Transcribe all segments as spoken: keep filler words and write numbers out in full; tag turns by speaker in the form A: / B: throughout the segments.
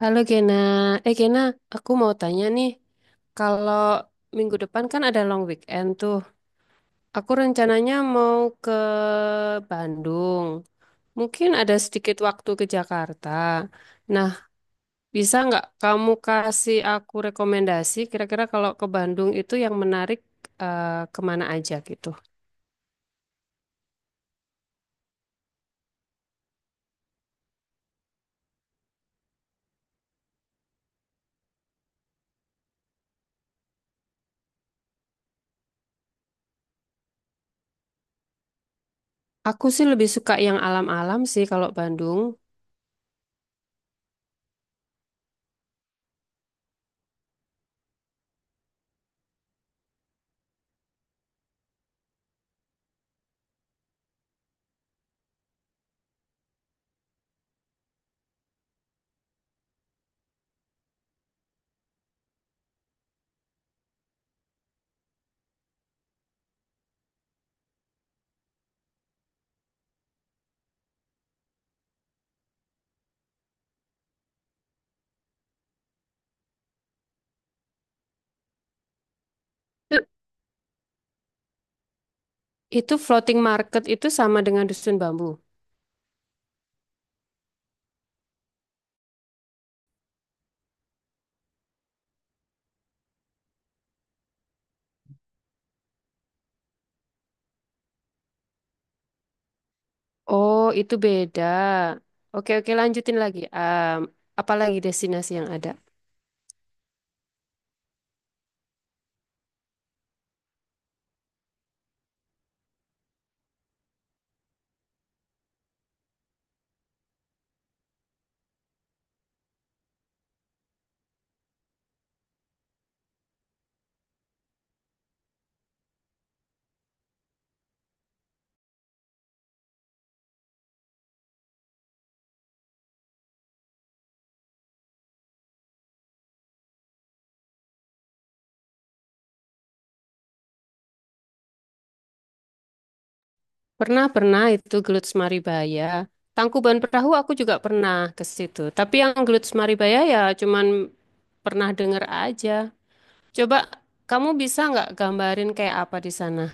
A: Halo Gena, eh Gena, aku mau tanya nih, kalau minggu depan kan ada long weekend tuh, aku rencananya mau ke Bandung, mungkin ada sedikit waktu ke Jakarta. Nah, bisa nggak kamu kasih aku rekomendasi kira-kira kalau ke Bandung itu yang menarik eh, kemana aja gitu? Aku sih lebih suka yang alam-alam sih kalau Bandung. Itu floating market itu sama dengan dusun bambu. Oh, itu beda. Oke, oke, lanjutin lagi. Em, apalagi destinasi yang ada? Pernah, pernah itu Gelut Maribaya. Tangkuban Perahu aku juga pernah ke situ. Tapi yang Gelut Maribaya ya cuman pernah denger aja. Coba kamu bisa nggak gambarin kayak apa di sana?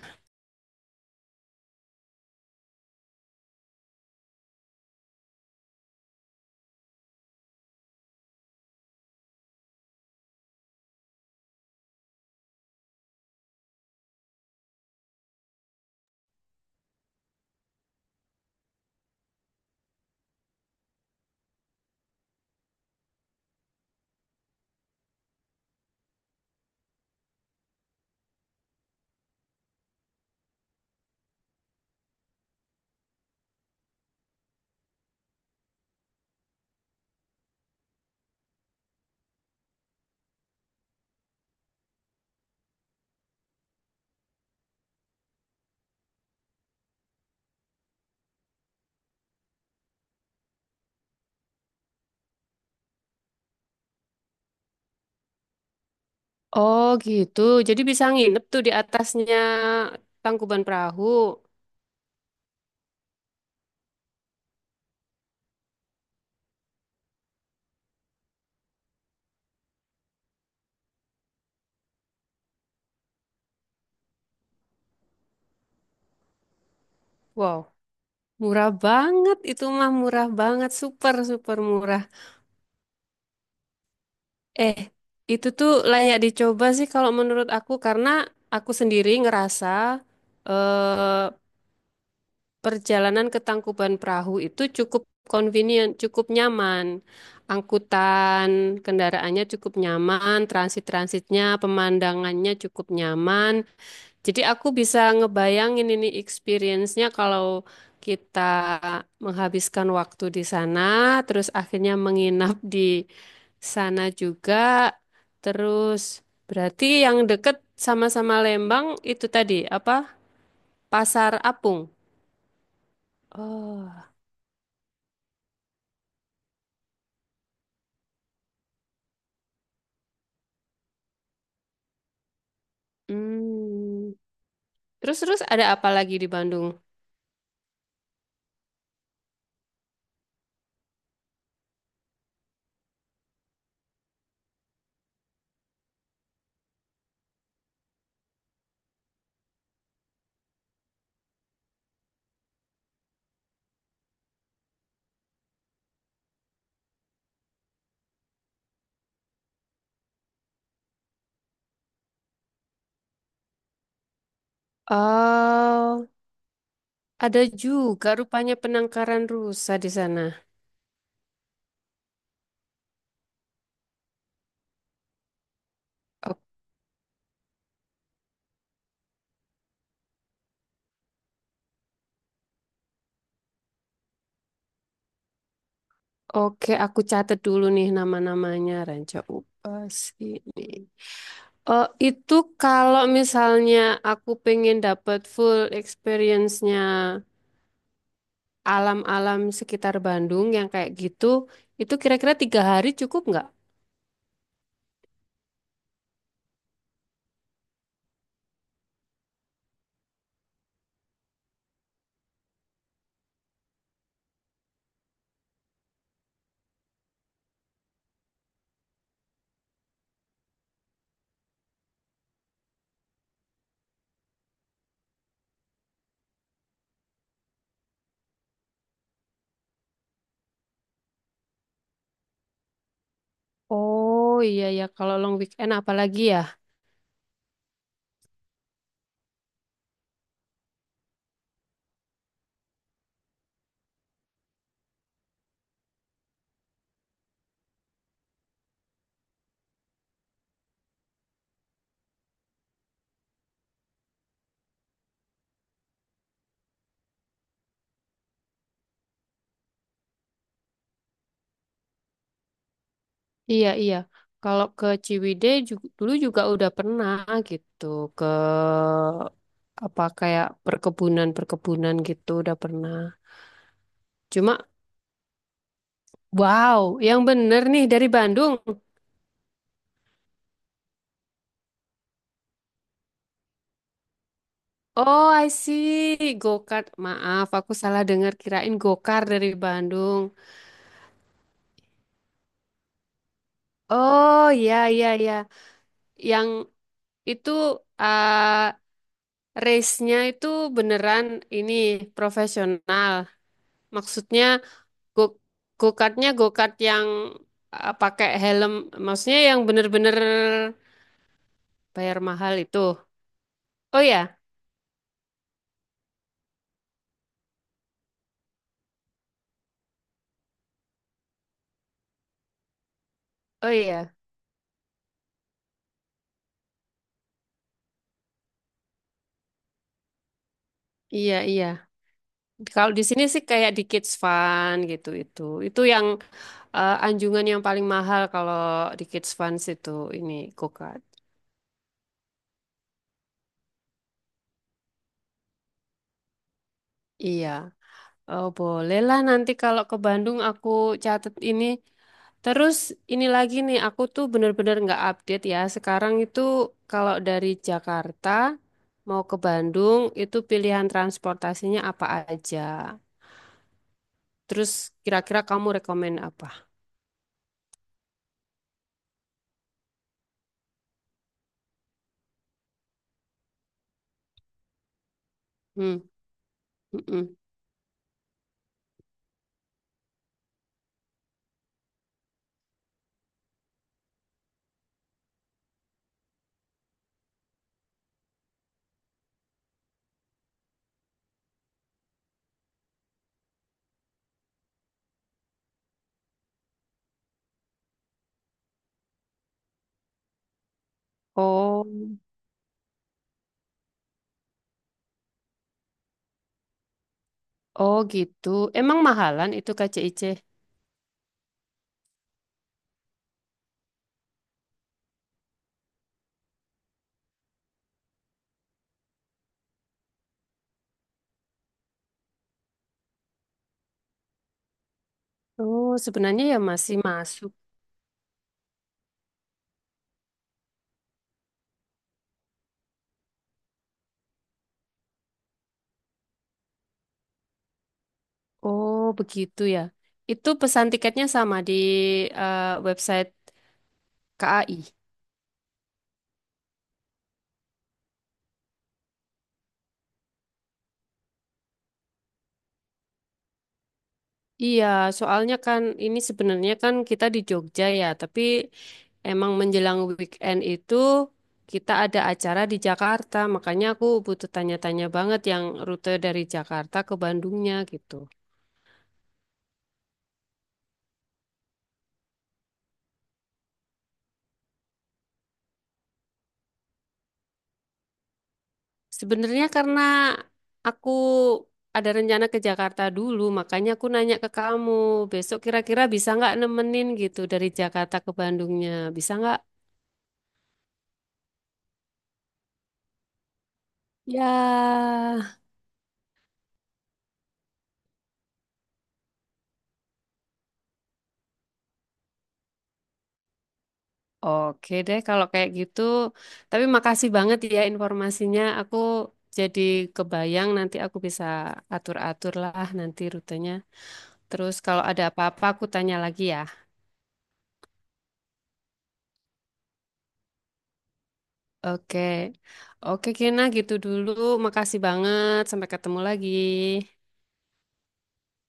A: Oh gitu, jadi bisa nginep tuh di atasnya Tangkuban Perahu. Wow, murah banget itu mah murah banget, super super murah. Eh, itu tuh layak dicoba sih kalau menurut aku karena aku sendiri ngerasa eh, perjalanan ke Tangkuban Perahu itu cukup convenient, cukup nyaman. Angkutan kendaraannya cukup nyaman, transit-transitnya, pemandangannya cukup nyaman. Jadi aku bisa ngebayangin ini experience-nya kalau kita menghabiskan waktu di sana, terus akhirnya menginap di sana juga. Terus berarti yang deket sama-sama Lembang itu tadi apa? Pasar Apung. Oh. Hmm. Terus terus ada apa lagi di Bandung? Oh, ada juga rupanya penangkaran rusa di sana. O- Oke, aku catat dulu nih nama-namanya Ranca Upas ini. Oh, itu kalau misalnya aku pengen dapat full experience-nya alam-alam sekitar Bandung yang kayak gitu, itu kira-kira tiga hari cukup nggak? Oh iya ya, kalau long weekend apalagi ya? Iya iya, kalau ke Ciwidey ju- dulu juga udah pernah gitu ke apa kayak perkebunan-perkebunan gitu udah pernah. Cuma wow, yang bener nih dari Bandung. Oh I see, go-kart. Maaf, aku salah dengar kirain go-kart dari Bandung. Oh iya iya iya. Yang itu eh race-nya itu beneran ini profesional. Maksudnya go go-kartnya go-kart yang eh, pakai helm, maksudnya yang bener-bener bayar mahal itu. Oh ya, oh iya, iya iya. Kalau di sini sih kayak di Kids Fun gitu itu. Itu yang eh, anjungan yang paling mahal kalau di Kids Fun itu ini go-kart. Iya. Oh, bolehlah nanti kalau ke Bandung aku catat ini. Terus ini lagi nih, aku tuh bener-bener nggak update ya. Sekarang itu kalau dari Jakarta mau ke Bandung itu pilihan transportasinya apa aja. Terus kira-kira kamu rekomen apa? Hmm, mm-mm. Oh, oh gitu. Emang mahalan itu K C I C? Oh, sebenarnya ya masih masuk. Oh, begitu ya. Itu pesan tiketnya sama di eh, website K A I. Iya, soalnya kan ini sebenarnya kan kita di Jogja ya, tapi emang menjelang weekend itu kita ada acara di Jakarta, makanya aku butuh tanya-tanya banget yang rute dari Jakarta ke Bandungnya gitu. Sebenarnya karena aku ada rencana ke Jakarta dulu, makanya aku nanya ke kamu, besok kira-kira bisa nggak nemenin gitu dari Jakarta ke Bandungnya, bisa nggak? Ya, oke deh kalau kayak gitu. Tapi makasih banget ya informasinya. Aku jadi kebayang nanti aku bisa atur-atur lah nanti rutenya. Terus kalau ada apa-apa aku tanya lagi ya. Oke. Oke Kena gitu dulu. Makasih banget. Sampai ketemu lagi.